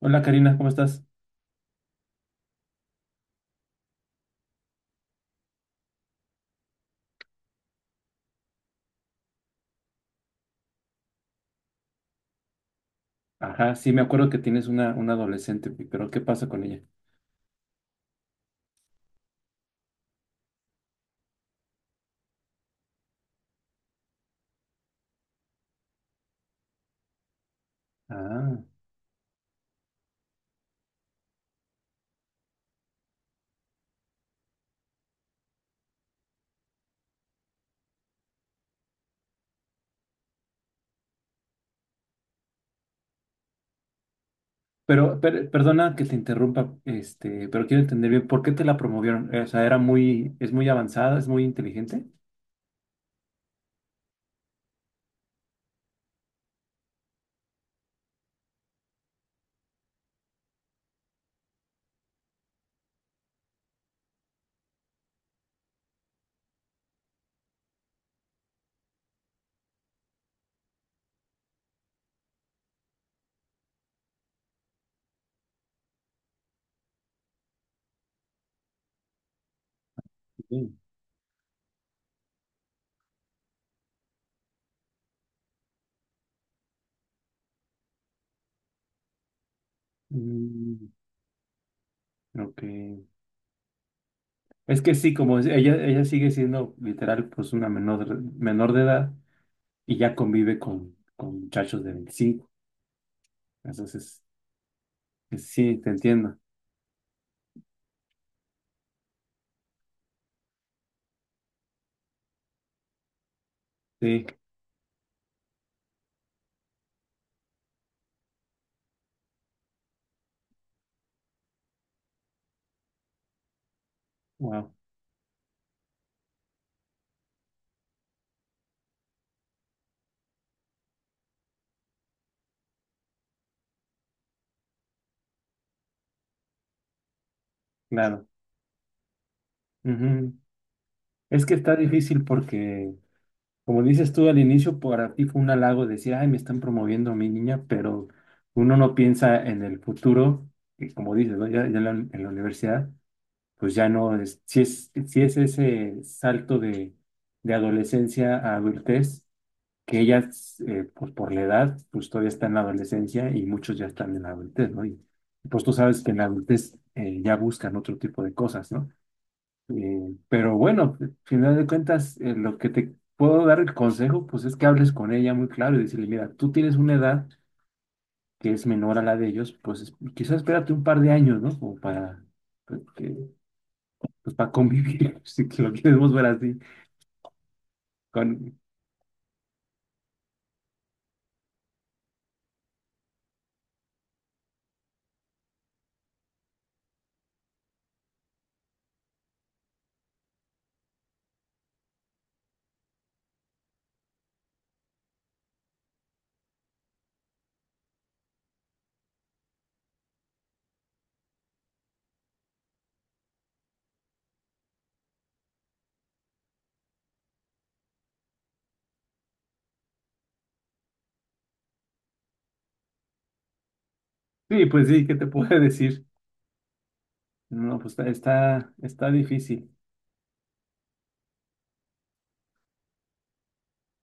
Hola Karina, ¿cómo estás? Ajá, sí, me acuerdo que tienes una adolescente, pero ¿qué pasa con ella? Ah, pero perdona que te interrumpa, pero quiero entender bien, ¿por qué te la promovieron? O sea, era muy, es muy avanzada, es muy inteligente. Sí. Mm, ok. Es que sí, ella, ella sigue siendo literal, pues una menor, menor de edad y ya convive con muchachos de 25. Entonces, sí, te entiendo. Sí, wow, claro. Ujú. Es que está difícil porque como dices tú al inicio, para ti fue un halago decir, ay, me están promoviendo a mi niña, pero uno no piensa en el futuro, y como dices, ¿no? Ya, ya en la universidad, pues ya no es, si es, si es ese salto de adolescencia a adultez, que ellas, pues por la edad, pues todavía están en la adolescencia y muchos ya están en la adultez, ¿no? Y pues tú sabes que en la adultez ya buscan otro tipo de cosas, ¿no? Pero bueno, al final de cuentas, lo que te puedo dar el consejo, pues es que hables con ella muy claro y decirle, mira, tú tienes una edad que es menor a la de ellos, quizás espérate un par de años, ¿no? Como para, pues, pues, para convivir, si que lo queremos ver así. Con... Sí, pues sí, ¿qué te puedo decir? No, pues está, está, está difícil.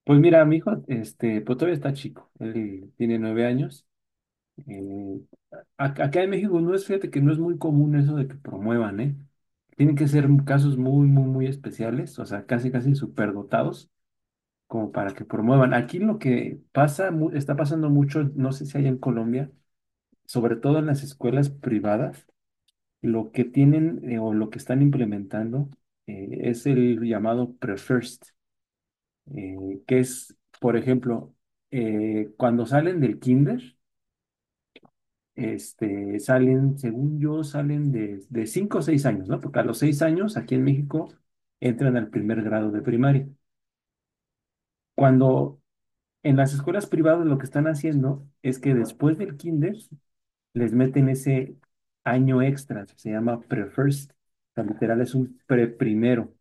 Pues mira, mi hijo, pues todavía está chico, él tiene 9 años, eh, Acá en México no es, fíjate que no es muy común eso de que promuevan, ¿eh? Tienen que ser casos muy, muy, muy especiales, o sea, casi, casi superdotados, como para que promuevan. Aquí lo que pasa, está pasando mucho, no sé si hay en Colombia, sobre todo en las escuelas privadas, lo que tienen o lo que están implementando es el llamado pre-first, eh, que es, por ejemplo, cuando salen del kinder. Salen, según yo, salen de 5 o 6 años, ¿no? Porque a los 6 años aquí en México entran al primer grado de primaria. Cuando en las escuelas privadas lo que están haciendo es que después del kinder les meten ese año extra, se llama pre-first, o sea, literal es un pre-primero.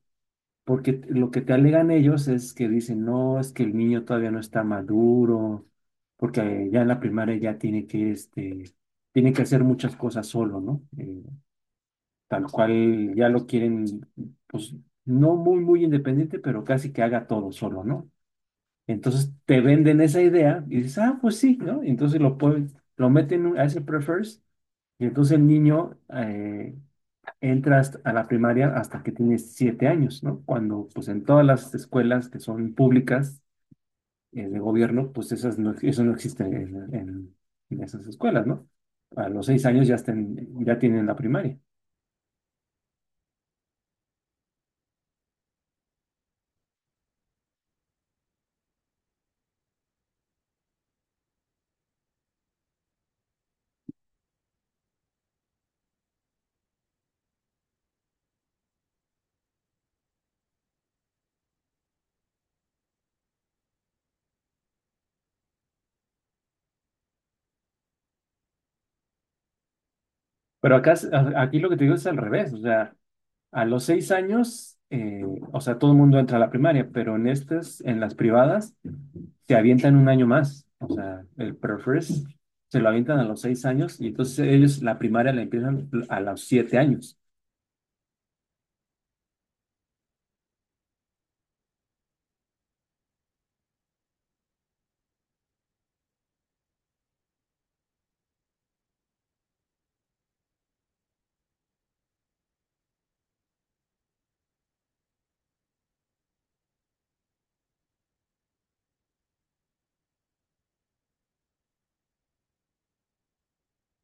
Porque lo que te alegan ellos es que dicen, no, es que el niño todavía no está maduro, porque ya en la primaria ya tiene que, tiene que hacer muchas cosas solo, ¿no? Tal cual ya lo quieren, pues, no muy, muy independiente, pero casi que haga todo solo, ¿no? Entonces te venden esa idea y dices, ah, pues sí, ¿no? Y entonces lo pueden, lo meten a ese prefers y entonces el niño, entras a la primaria hasta que tienes 7 años, ¿no? Cuando, pues, en todas las escuelas que son públicas, de gobierno, pues esas no, eso no existe en esas escuelas, ¿no? A los seis años ya, estén, ya tienen la primaria. Pero acá, aquí lo que te digo es al revés, o sea, a los seis años, o sea, todo el mundo entra a la primaria, pero en estas, en las privadas, te avientan un año más, o sea, el prefres se lo avientan a los 6 años y entonces ellos la primaria la empiezan a los 7 años.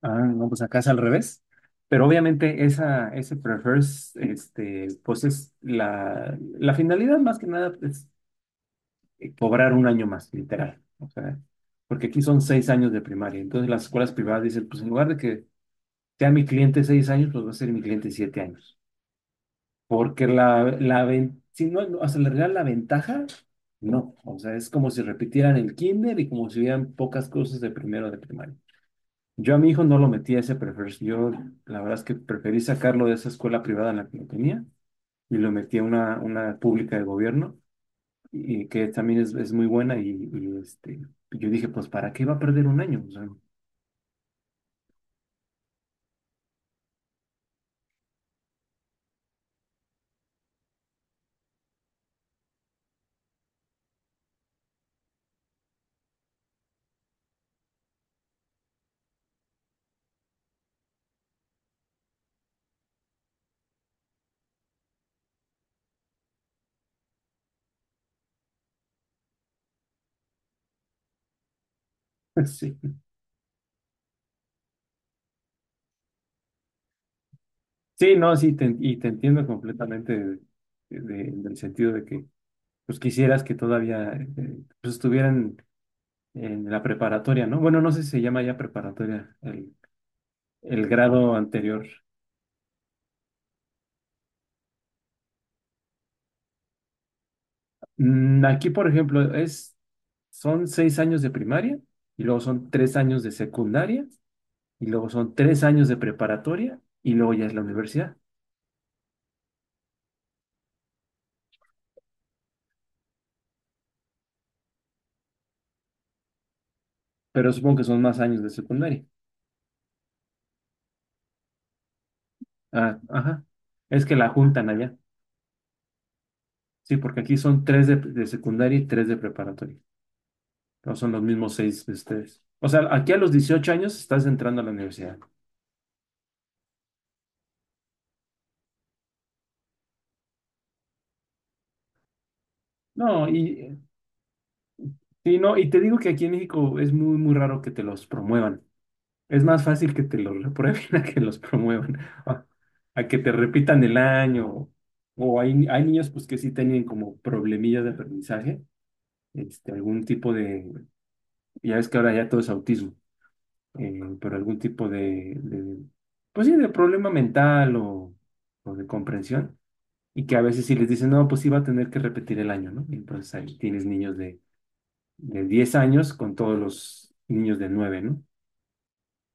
Ah, no, pues acá es al revés. Pero obviamente esa, ese prefers, pues es la, la finalidad más que nada es cobrar un año más, literal. O sea, porque aquí son 6 años de primaria. Entonces las escuelas privadas dicen, pues en lugar de que sea mi cliente 6 años, pues va a ser mi cliente 7 años. Porque la, si no, no, o le regalan la ventaja, no. O sea, es como si repitieran el kinder y como si hubieran pocas cosas de primero de primaria. Yo a mi hijo no lo metí a ese prefer. Yo la verdad es que preferí sacarlo de esa escuela privada en la que lo tenía y lo metí a una pública de gobierno y que también es muy buena y, yo dije, pues ¿para qué va a perder un año? O sea, sí. Sí, no, sí, te, y te entiendo completamente del sentido de que pues quisieras que todavía pues, estuvieran en la preparatoria, ¿no? Bueno, no sé si se llama ya preparatoria el grado anterior. Mm, aquí, por ejemplo, es, son seis años de primaria y luego son 3 años de secundaria y luego son tres años de preparatoria y luego ya es la universidad. Pero supongo que son más años de secundaria. Ah, ajá. Es que la juntan allá. Sí, porque aquí son tres de secundaria y tres de preparatoria. No son los mismos seis de ustedes. O sea, aquí a los 18 años estás entrando a la universidad. No, y no, y te digo que aquí en México es muy, muy raro que te los promuevan. Es más fácil que te los reprueben a que los promuevan, a, a que te repitan el año. O hay niños pues que sí tienen como problemillas de aprendizaje, algún tipo de, ya ves que ahora ya todo es autismo, pero algún tipo de, pues sí, de problema mental o de comprensión. Y que a veces sí les dicen, no, pues sí va a tener que repetir el año, ¿no? Y entonces ahí tienes niños de 10 años con todos los niños de nueve, ¿no?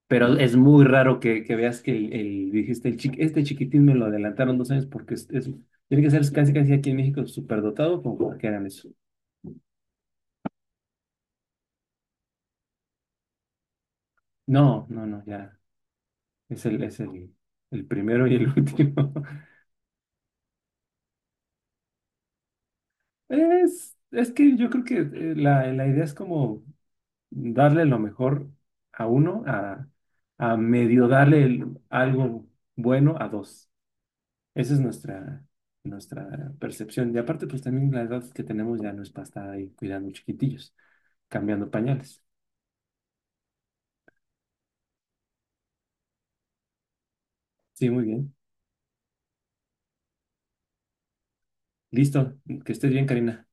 Pero es muy raro que veas que el, dijiste, el este chiquitín me lo adelantaron dos años porque tiene que ser casi casi aquí en México superdotado como para que hagan eso. No, no, no, ya. Es el primero y el último. Es que yo creo que la, la idea es como darle lo mejor a uno, a medio darle algo bueno a dos. Esa es nuestra, nuestra percepción. Y aparte, pues también la edad que tenemos ya no es para estar ahí cuidando chiquitillos, cambiando pañales. Sí, muy bien. Listo. Que estés bien, Karina.